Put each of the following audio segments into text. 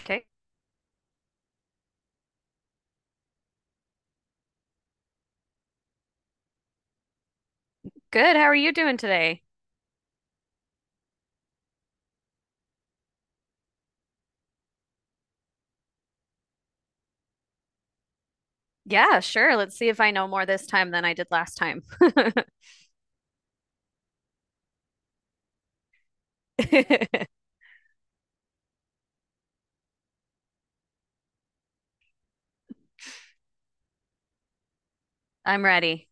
Okay. Good. How are you doing today? Yeah, sure. Let's see if I know more this time than I did last time. I'm ready.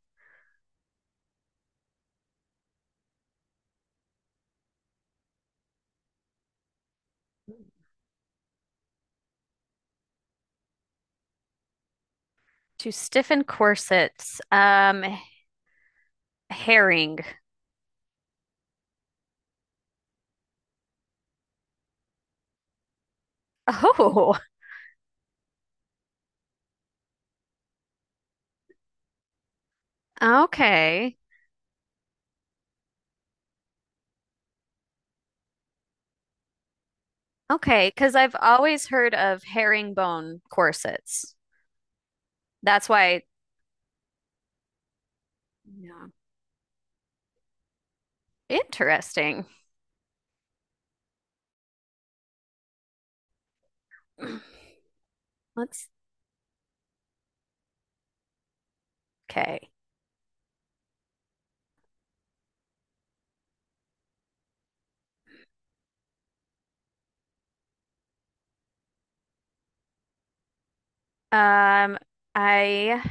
To stiffen corsets. Herring. Oh, okay. Okay, because I've always heard of herringbone corsets. That's why, yeah. Interesting. Let's, okay. Um, I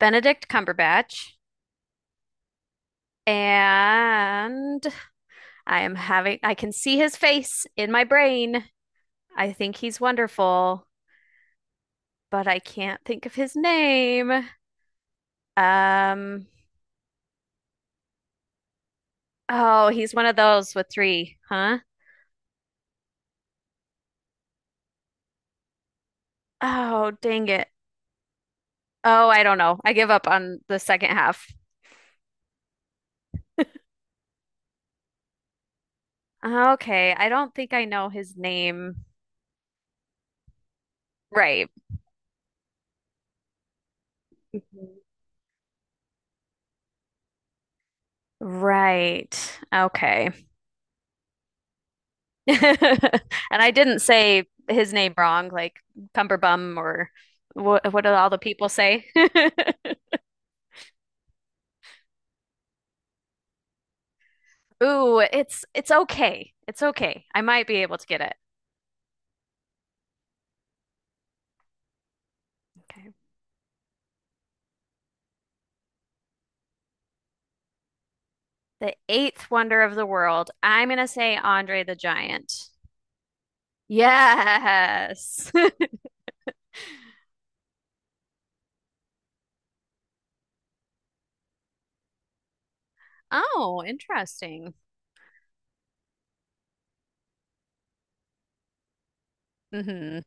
Benedict Cumberbatch and I am having, I can see his face in my brain. I think he's wonderful, but I can't think of his name. Um, oh, he's one of those with three, huh? Oh, dang it. Oh, I don't know. I give up on the second half. Okay, I don't think I know his name. Right. Mhm. Right. Okay. And I didn't say his name wrong, like Cumberbum or what do all the people say? Ooh, it's okay. It's okay. I might be able to get it. Okay. The eighth wonder of the world. I'm gonna say Andre the Giant. Yes. Oh, interesting. Hmm.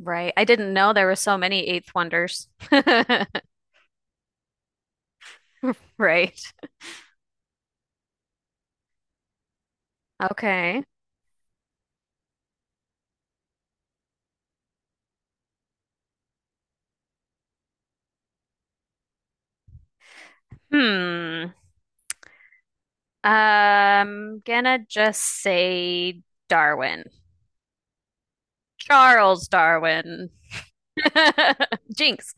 Right. I didn't know there were so many eighth wonders. Right. Okay. Hmm. Gonna just say Darwin. Charles Darwin. Jinx.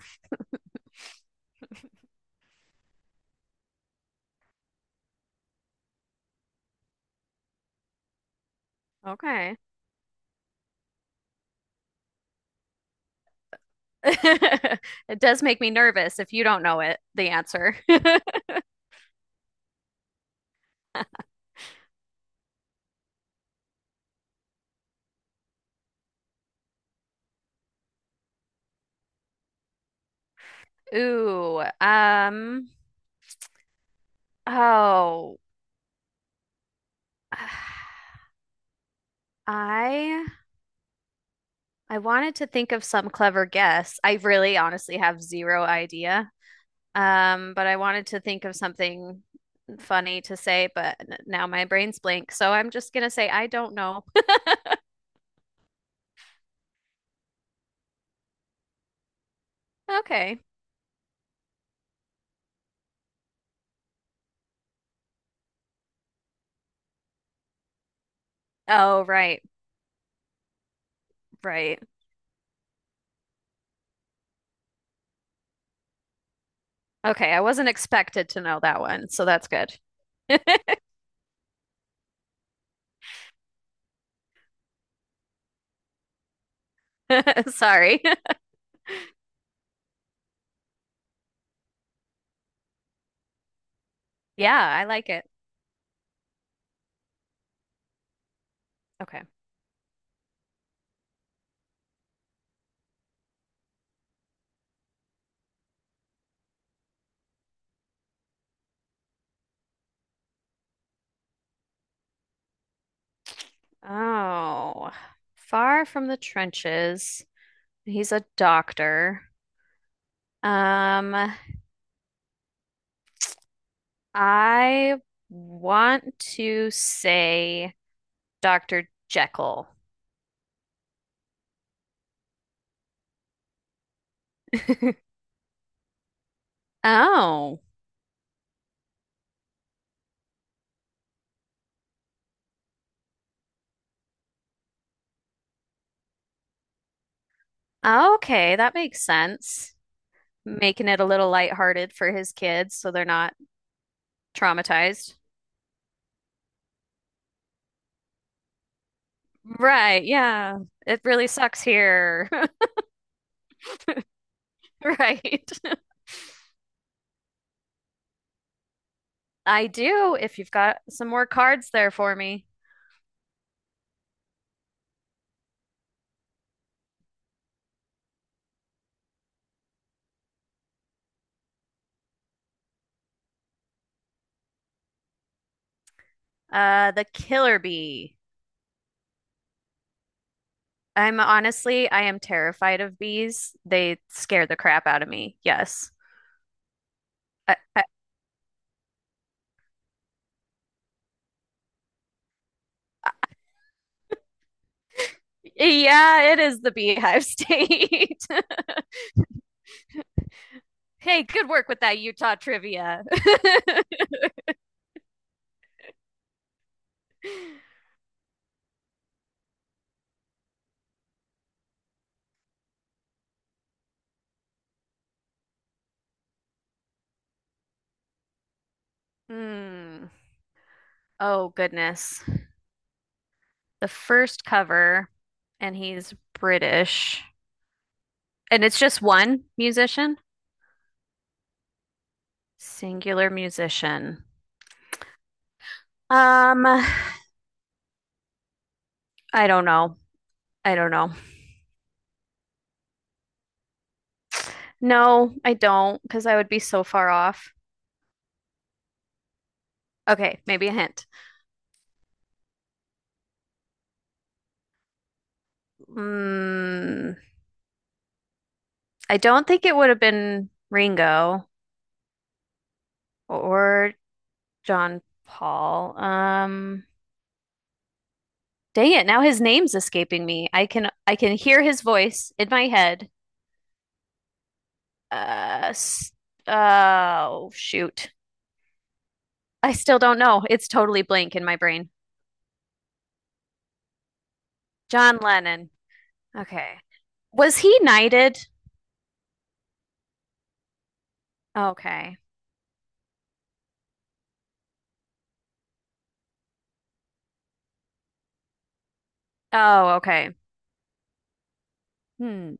Okay. It does make me nervous if you don't know it, the answer. Ooh, oh, I I wanted to think of some clever guess. I really honestly have zero idea. But I wanted to think of something funny to say, but now my brain's blank, so I'm just gonna say I don't know. Okay. Oh, right, right. Okay, I wasn't expected to know that one, so that's good. Sorry. Yeah, I like it. Okay. Oh, far from the trenches. He's a doctor. Um, I want to say Dr. Jekyll. Oh, okay, that makes sense. Making it a little lighthearted for his kids so they're not traumatized. Right, yeah. It really sucks here. Right. I do, if you've got some more cards there for me. The killer bee. I am terrified of bees. They scare the crap out of me. Yes. I, I, yeah, it is the beehive state. Hey, good work with that Utah trivia. Hmm. Oh, goodness. The first cover, and he's British. And it's just one musician? Singular musician. Um, I don't know. I don't know. No, I don't, because I would be so far off. Okay, maybe a hint. Mm, I don't think it would have been Ringo or John Paul. Dang it, now his name's escaping me. I can hear his voice in my head. Uh, s- oh shoot. I still don't know. It's totally blank in my brain. John Lennon. Okay. Was he knighted? Okay. Oh, okay. Hmm.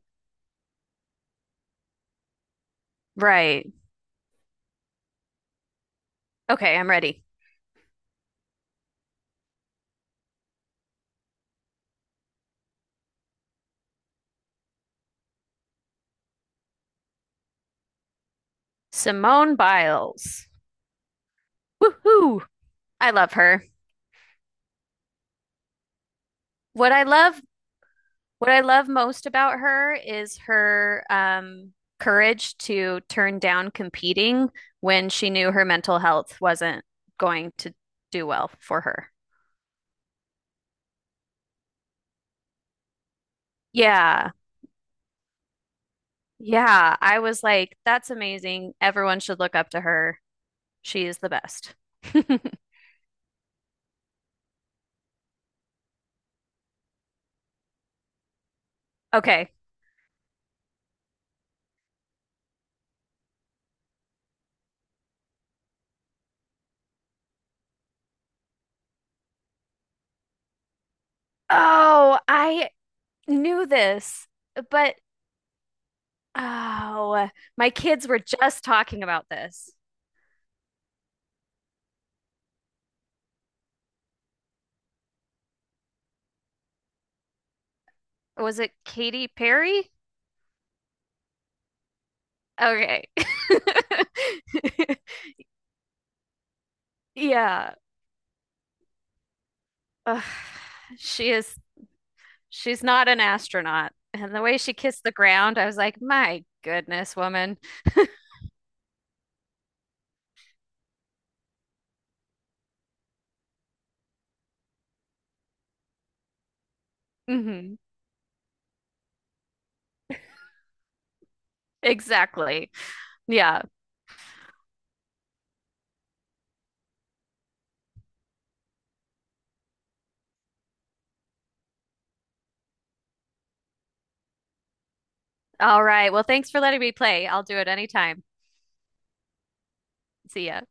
Right. Okay, I'm ready. Simone Biles. Woohoo! I love her. What I love, what I love most about her is her courage to turn down competing when she knew her mental health wasn't going to do well for her. Yeah. Yeah. I was like, that's amazing. Everyone should look up to her. She is the best. Okay. Oh, I knew this, but oh, my kids were just talking about this. Was it Katy Perry? Okay. Yeah. Ugh. She is she's not an astronaut. And the way she kissed the ground, I was like, "My goodness, woman." Hmm. Exactly. Yeah. All right. Well, thanks for letting me play. I'll do it anytime. See ya.